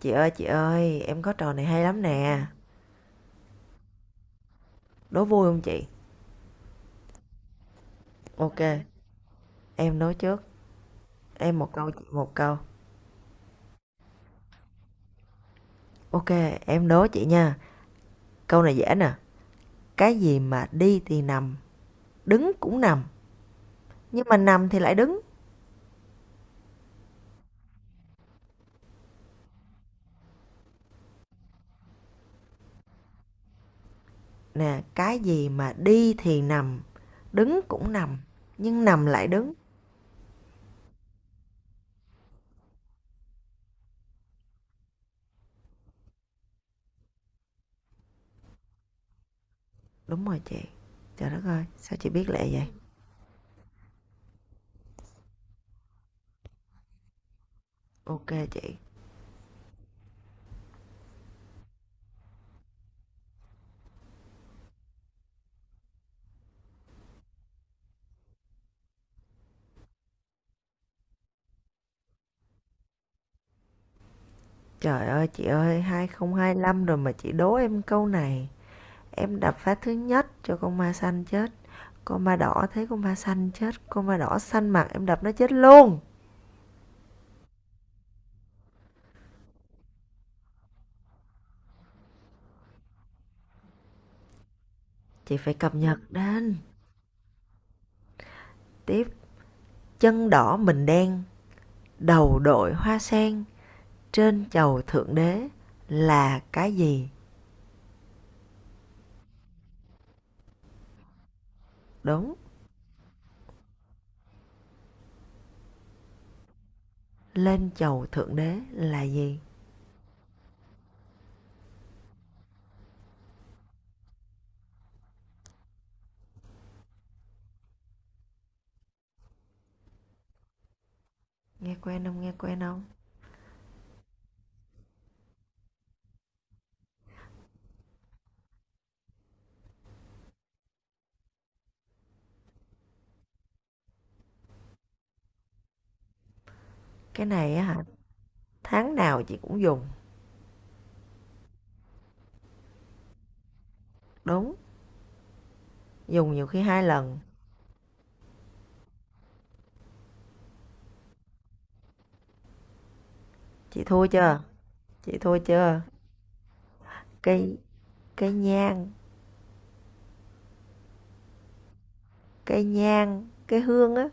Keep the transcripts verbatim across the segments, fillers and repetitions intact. Chị ơi, chị ơi, em có trò này hay lắm nè. Đố vui không chị? Ok, em đố trước. Em một câu, chị một câu. Ok, em đố chị nha. Câu này dễ nè. Cái gì mà đi thì nằm, đứng cũng nằm. Nhưng mà nằm thì lại đứng. Nè, cái gì mà đi thì nằm, đứng cũng nằm. Nhưng nằm lại đứng. Đúng rồi chị. Trời đất ơi, sao chị biết lẹ vậy? Ok chị. Trời ơi chị ơi, hai không hai lăm rồi mà chị đố em câu này. Em đập phá thứ nhất cho con ma xanh chứ. Con ma đỏ thấy con ma xanh chết, con ma đỏ xanh mặt em đập nó chết luôn. Chị phải cập nhật đến. Tiếp chân đỏ mình đen, đầu đội hoa sen, trên chầu thượng đế là cái gì? Đúng, lên chầu thượng đế là gì? Nghe quen không, nghe quen không? Cái này á hả, tháng nào chị cũng dùng. Đúng, dùng nhiều khi hai lần. Chị thua chưa? Chị thua chưa? Cây, cây nhang, cây nhang, cái hương á.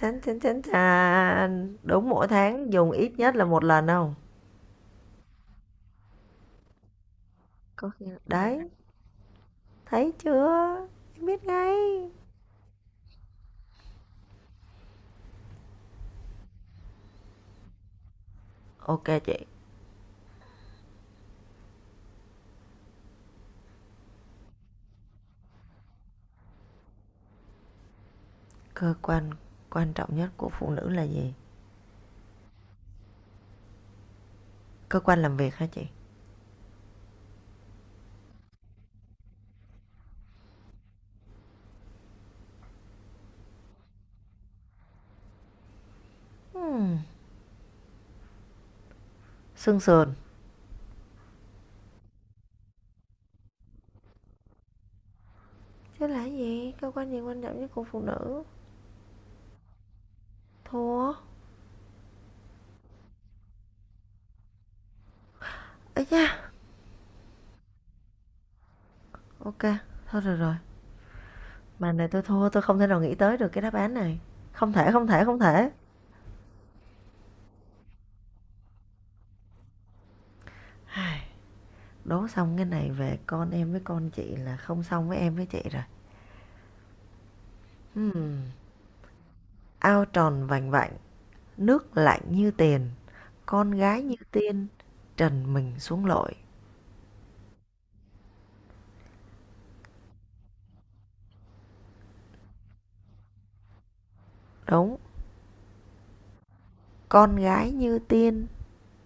Chán, chán, chán, chán. Đúng mỗi tháng dùng ít nhất là một lần không? Có khi. Đấy, thấy chưa? Em biết ngay. Ok chị, cơ quan quan trọng nhất của phụ nữ là gì? Cơ quan làm việc hả chị? Hmm, xương sườn. Chứ là gì? Cơ quan gì quan trọng nhất của phụ nữ? Thua. Ấy da. Ok, thôi rồi rồi. Mà này tôi thua, tôi không thể nào nghĩ tới được cái đáp án này. Không thể, không thể, không thể. Đố xong cái này về con em với con chị là không xong với em với chị rồi. Hmm. Ao tròn vành vạnh, nước lạnh như tiền, con gái như tiên, trần mình xuống lội. Đúng, con gái như tiên,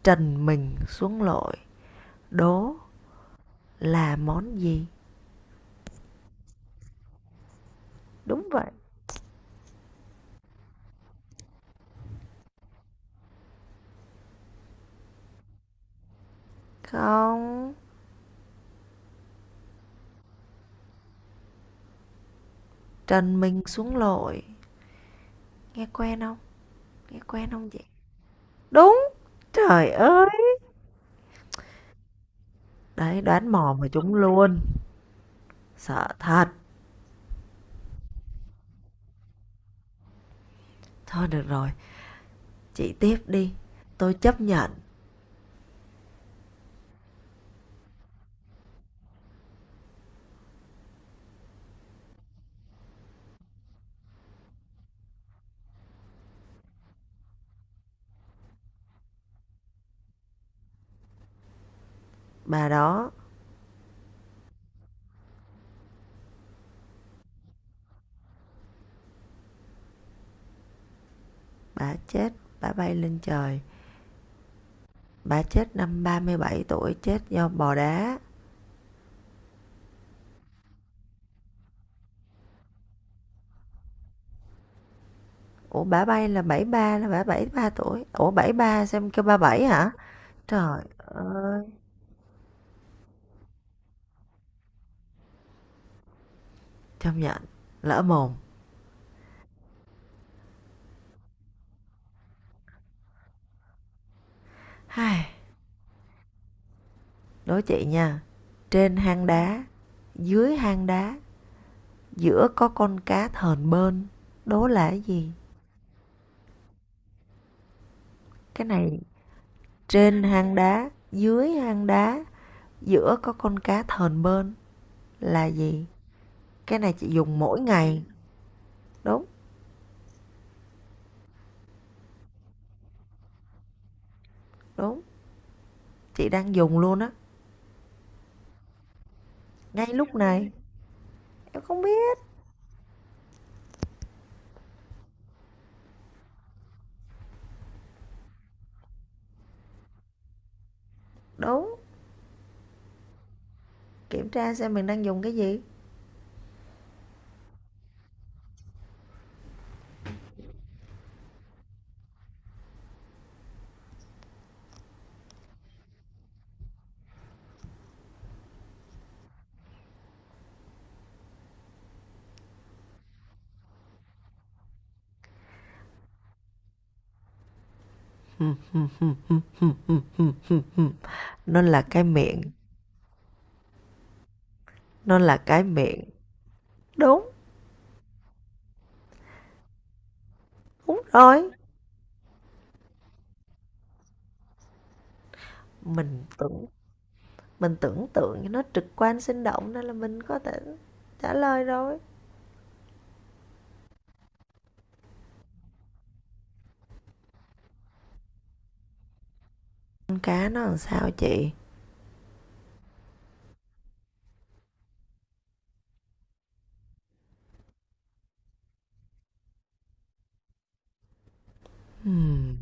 trần mình xuống lội. Đố là món gì? Đúng vậy. Không, trần mình xuống lội. Nghe quen không? Nghe quen không chị? Đúng, trời ơi. Đấy, đoán mò mà chúng luôn. Sợ thật. Thôi được rồi, chị tiếp đi. Tôi chấp nhận bà đó, bà chết, bà bay lên trời. Bà chết năm ba mươi bảy tuổi, chết do bò đá. Ủa bà bay là bảy mươi ba, là bà bảy mươi ba tuổi. Ủa bảy mươi ba xem kêu ba mươi bảy hả? Trời ơi, chấp nhận lỡ mồm. Hai, đối chị nha. Trên hang đá, dưới hang đá, giữa có con cá thờn bơn. Đố là cái gì? Cái này trên hang đá, dưới hang đá, giữa có con cá thờn bơn là gì? Cái này chị dùng mỗi ngày. Đúng, đúng. Chị đang dùng luôn á. Ngay lúc này em không biết đúng, kiểm tra xem mình đang dùng cái gì. Nó là cái miệng. Nó là cái miệng. Đúng, đúng rồi. Mình tưởng mình tưởng tượng cho nó trực quan sinh động nên là mình có thể trả lời rồi. Con cá nó làm sao chị? Ừm,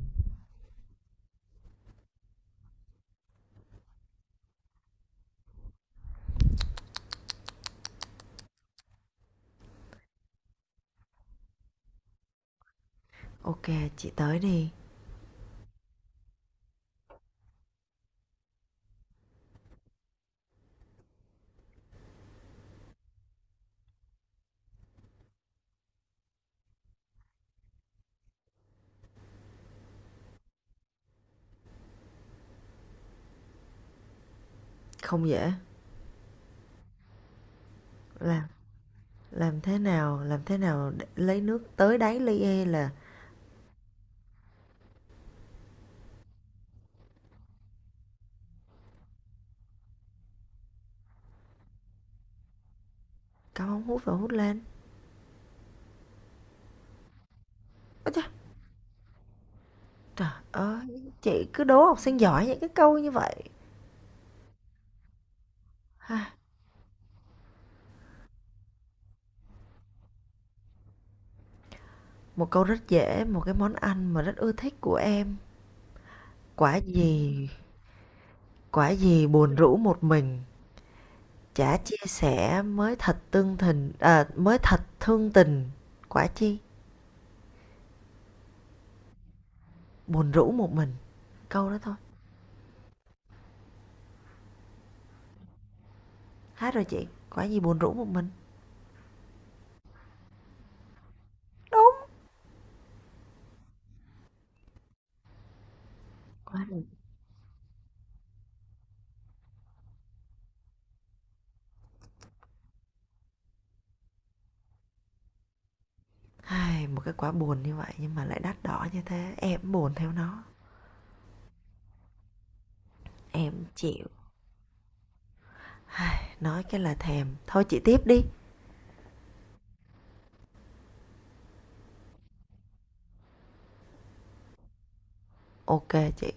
ok chị, tới đi. Không dễ. Làm làm thế nào làm thế nào để lấy nước tới đáy ly e là cắm ống hút và hút lên. Ôi trời, trời ơi, chị cứ đố học sinh giỏi những cái câu như vậy. Ha, một câu rất dễ, một cái món ăn mà rất ưa thích của em. Quả gì, quả gì buồn rũ một mình, chả chia sẻ mới thật tương tình, à, mới thật thương tình. Quả chi, buồn rũ một mình. Câu đó thôi. Hát rồi chị, quả gì buồn rũ một mình. Đúng. Quả gì? Ai, một cái quả buồn như vậy nhưng mà lại đắt đỏ như thế, em buồn theo nó. Em chịu. Ai, nói cái là thèm. Thôi chị tiếp đi. Ok chị.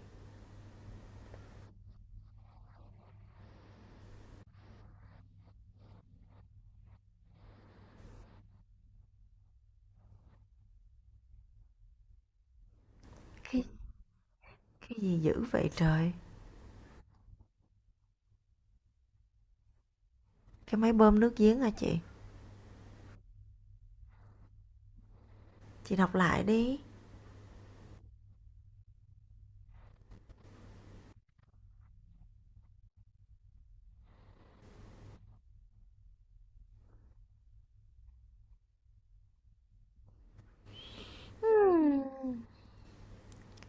Cái cái gì dữ vậy trời? Cái máy bơm nước giếng hả chị? Chị đọc lại đi.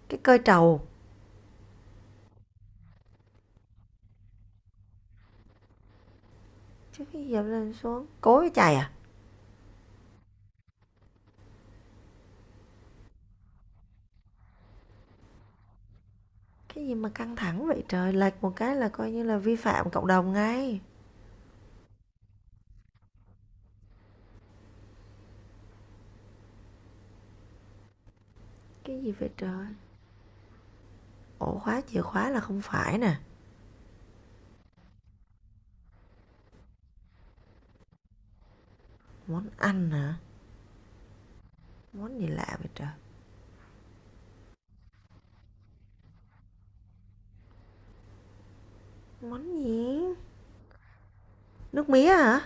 Cái cơi trầu. Chứ cái dập lên xuống. Cối với chày à? Cái gì mà căng thẳng vậy trời? Lệch một cái là coi như là vi phạm cộng đồng ngay. Cái gì vậy trời? Ổ khóa chìa khóa là không phải nè. Món ăn hả? Món gì lạ vậy trời? Món gì? Nước mía hả?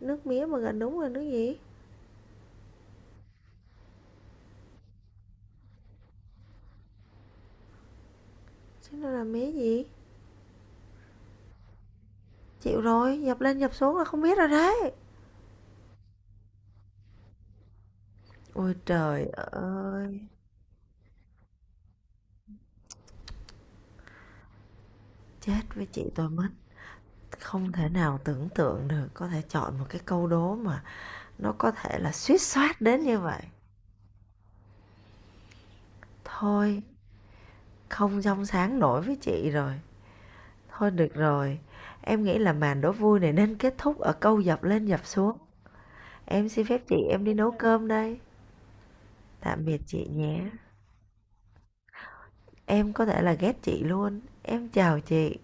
Nước mía mà gần đúng rồi nước gì? Chứ nó là mía gì? Chịu rồi, dập lên dập xuống là không biết rồi đấy. Ôi trời ơi, chết với chị tôi mất. Không thể nào tưởng tượng được có thể chọn một cái câu đố mà nó có thể là suýt soát đến như vậy. Thôi không trong sáng nổi với chị rồi. Thôi được rồi, em nghĩ là màn đố vui này nên kết thúc ở câu dập lên dập xuống. Em xin phép chị em đi nấu cơm đây. Tạm biệt chị nhé. Em có thể là ghét chị luôn. Em chào chị.